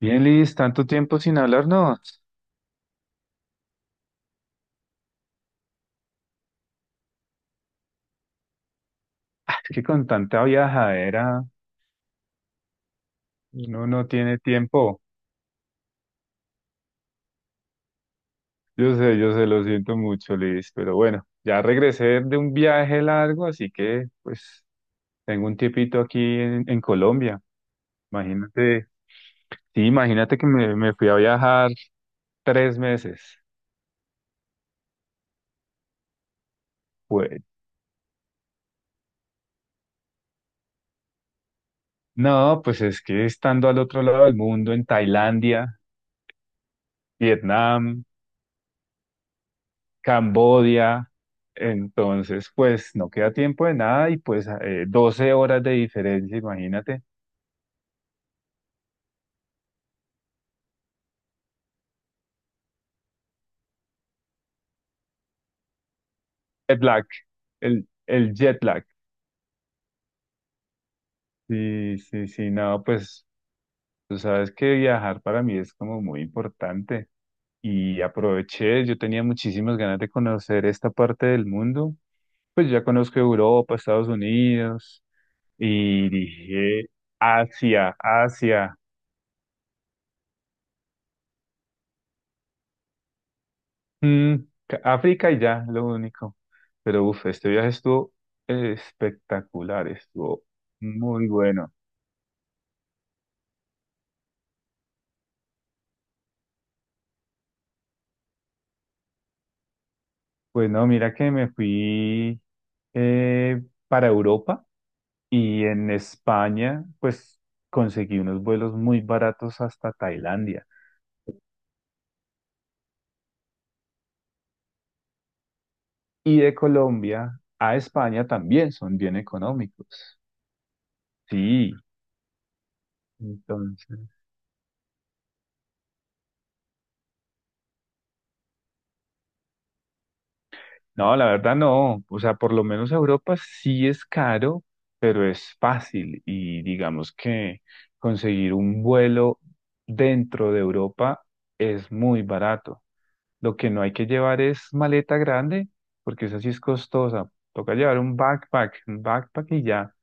Bien, Liz, tanto tiempo sin hablarnos. Es que con tanta viajadera uno no tiene tiempo. Yo sé, lo siento mucho, Liz, pero bueno, ya regresé de un viaje largo, así que pues tengo un tiempito aquí en Colombia. Imagínate, sí, imagínate que me fui a viajar tres meses. Pues no, pues es que estando al otro lado del mundo, en Tailandia, Vietnam. Cambodia. Entonces, pues no queda tiempo de nada y pues 12 horas de diferencia, imagínate. Jet lag, el jet lag. Sí, sí, sí, no, pues tú sabes que viajar para mí es como muy importante y aproveché, yo tenía muchísimas ganas de conocer esta parte del mundo, pues ya conozco Europa, Estados Unidos y dije Asia, Asia. Mm, África y ya, lo único. Pero uff, este viaje estuvo espectacular, estuvo muy bueno. Pues no, mira que me fui eh, para Europa y en España, pues conseguí unos vuelos muy baratos hasta Tailandia. Y de Colombia a España también son bien económicos. Sí, entonces. No, la verdad no. O sea, por lo menos Europa sí es caro, pero es fácil. Y digamos que conseguir un vuelo dentro de Europa es muy barato. Lo que no hay que llevar es maleta grande, porque esa sí es costosa. Toca llevar un backpack y ya.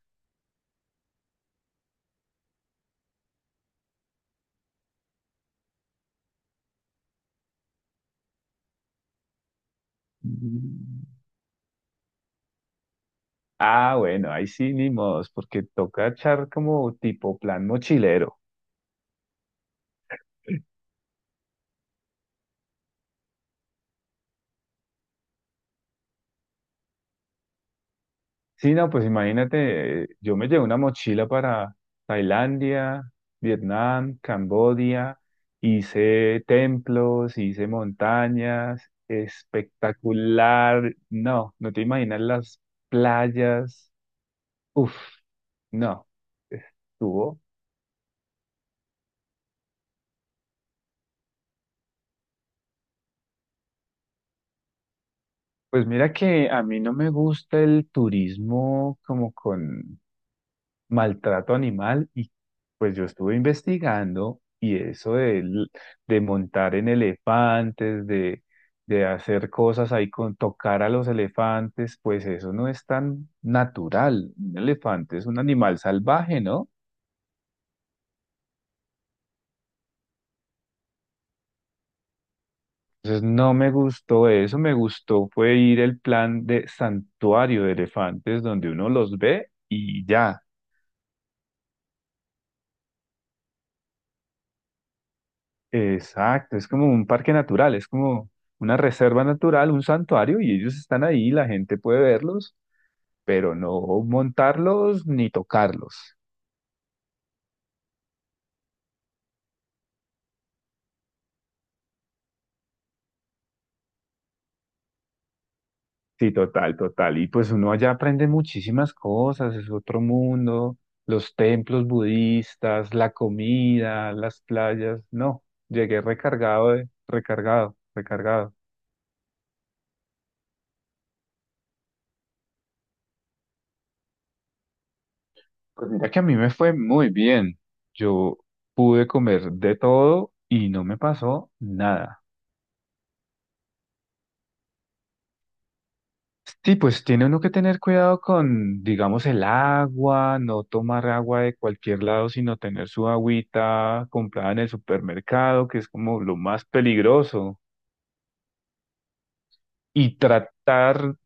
Mm. Ah, bueno, ahí sí, ni modos, porque toca echar como tipo plan mochilero. Sí, no, pues imagínate, yo me llevé una mochila para Tailandia, Vietnam, Camboya, hice templos, hice montañas, espectacular. No, no te imaginas las playas. Uf, no, estuvo. Pues mira que a mí no me gusta el turismo como con maltrato animal y pues yo estuve investigando y eso de de montar en elefantes, de hacer cosas ahí con tocar a los elefantes, pues eso no es tan natural. Un elefante es un animal salvaje, ¿no? Entonces no me gustó eso, me gustó fue ir el plan de santuario de elefantes donde uno los ve y ya. Exacto, es como un parque natural, es como una reserva natural, un santuario, y ellos están ahí, la gente puede verlos, pero no montarlos ni tocarlos. Sí, total, total. Y pues uno allá aprende muchísimas cosas, es otro mundo, los templos budistas, la comida, las playas. No, llegué recargado, recargado. Pues mira que a mí me fue muy bien. Yo pude comer de todo y no me pasó nada. Sí, pues tiene uno que tener cuidado con, digamos, el agua, no tomar agua de cualquier lado, sino tener su agüita comprada en el supermercado, que es como lo más peligroso. Y tratar,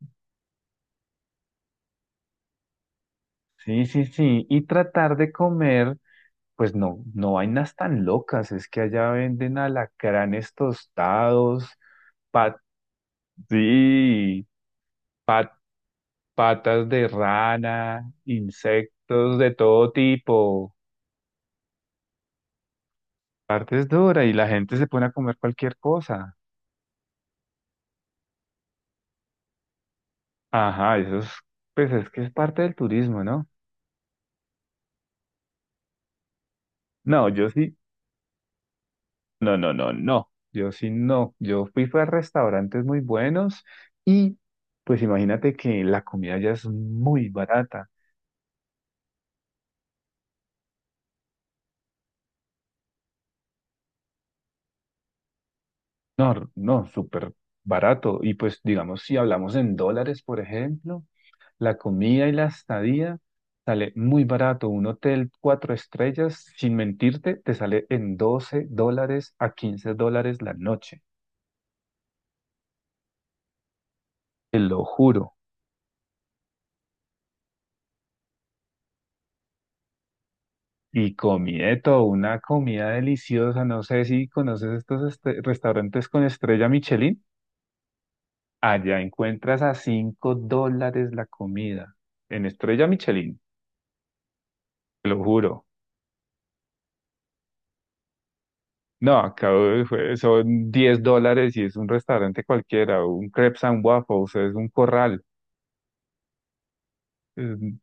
sí, sí, sí, y tratar de comer, pues no, no vainas tan locas, es que allá venden alacranes tostados, pat, sí, pat- patas de rana, insectos de todo tipo. Parte es dura y la gente se pone a comer cualquier cosa. Ajá, eso es, pues es que es parte del turismo, ¿no? No, yo sí, no, no, no, no, yo sí no. Fue a restaurantes muy buenos y pues imagínate que la comida ya es muy barata. No, no, súper barato. Y pues digamos, si hablamos en dólares, por ejemplo. La comida y la estadía sale muy barato. Un hotel cuatro estrellas, sin mentirte, te sale en $12 a $15 la noche. Te lo juro. Y comí de todo, una comida deliciosa. No sé si conoces restaurantes con estrella Michelin. Allá encuentras a $5 la comida en estrella Michelin, te lo juro. No, acá son $10 y es un restaurante cualquiera. Un crepes and waffles es un corral. Mm,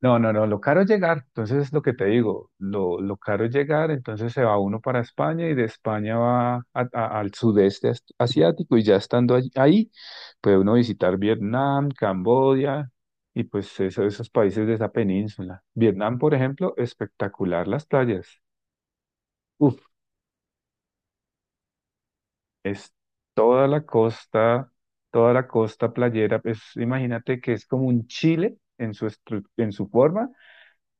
No, no, no, lo caro es llegar, entonces es lo que te digo, lo caro es llegar, entonces se va uno para España y de España al sudeste asiático y ya ahí puede uno visitar Vietnam, Camboya y pues esos países de esa península. Vietnam, por ejemplo, espectacular las playas. Uf, es toda la costa, toda la costa playera, pues imagínate que es como un Chile en su, en su forma.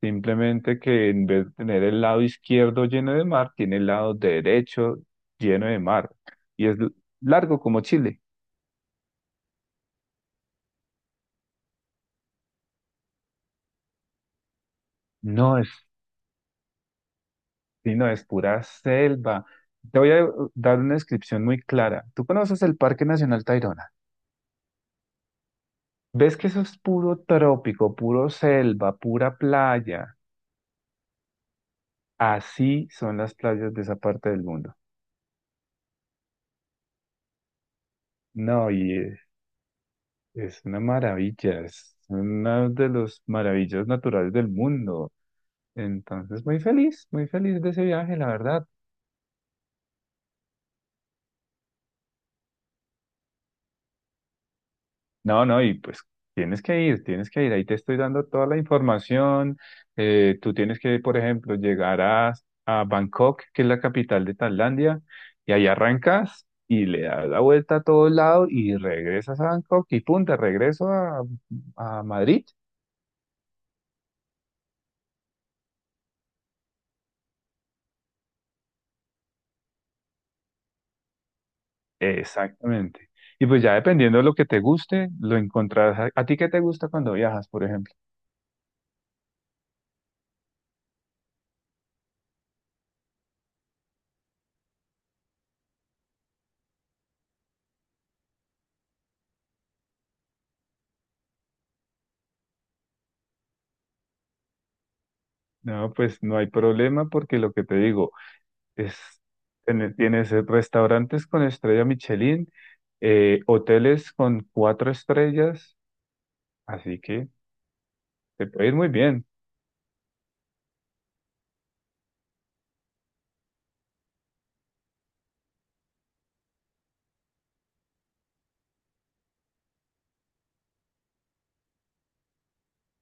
Simplemente que en vez de tener el lado izquierdo lleno de mar, tiene el lado derecho lleno de mar. Y es largo como Chile. No es, sino es pura selva. Te voy a dar una descripción muy clara. ¿Tú conoces el Parque Nacional Tayrona? ¿Ves que eso es puro trópico, puro selva, pura playa? Así son las playas de esa parte del mundo. No, es una maravilla, es una de las maravillas naturales del mundo. Entonces, muy feliz de ese viaje, la verdad. No, no, y pues tienes que ir, tienes que ir. Ahí te estoy dando toda la información. Tú tienes que, por ejemplo, a Bangkok, que es la capital de Tailandia, y ahí arrancas y le das la vuelta a todo lado y regresas a Bangkok y punta, a Madrid. Exactamente. Y pues ya dependiendo de lo que te guste, lo encontrarás. ¿A ti qué te gusta cuando viajas, por ejemplo? No, pues no hay problema porque lo que te digo, Es, tienes restaurantes con estrella Michelin, hoteles con cuatro estrellas, así que te puede ir muy bien.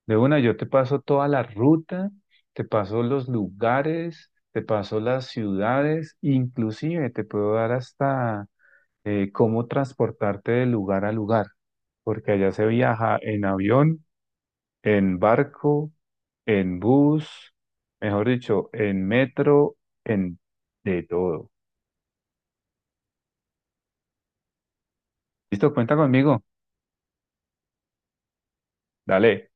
De una, yo te paso toda la ruta, te paso los lugares, te paso las ciudades, inclusive te puedo dar hasta cómo transportarte de lugar a lugar, porque allá se viaja en avión, en barco, en bus, mejor dicho, en metro, en de todo. Listo, cuenta conmigo. Dale.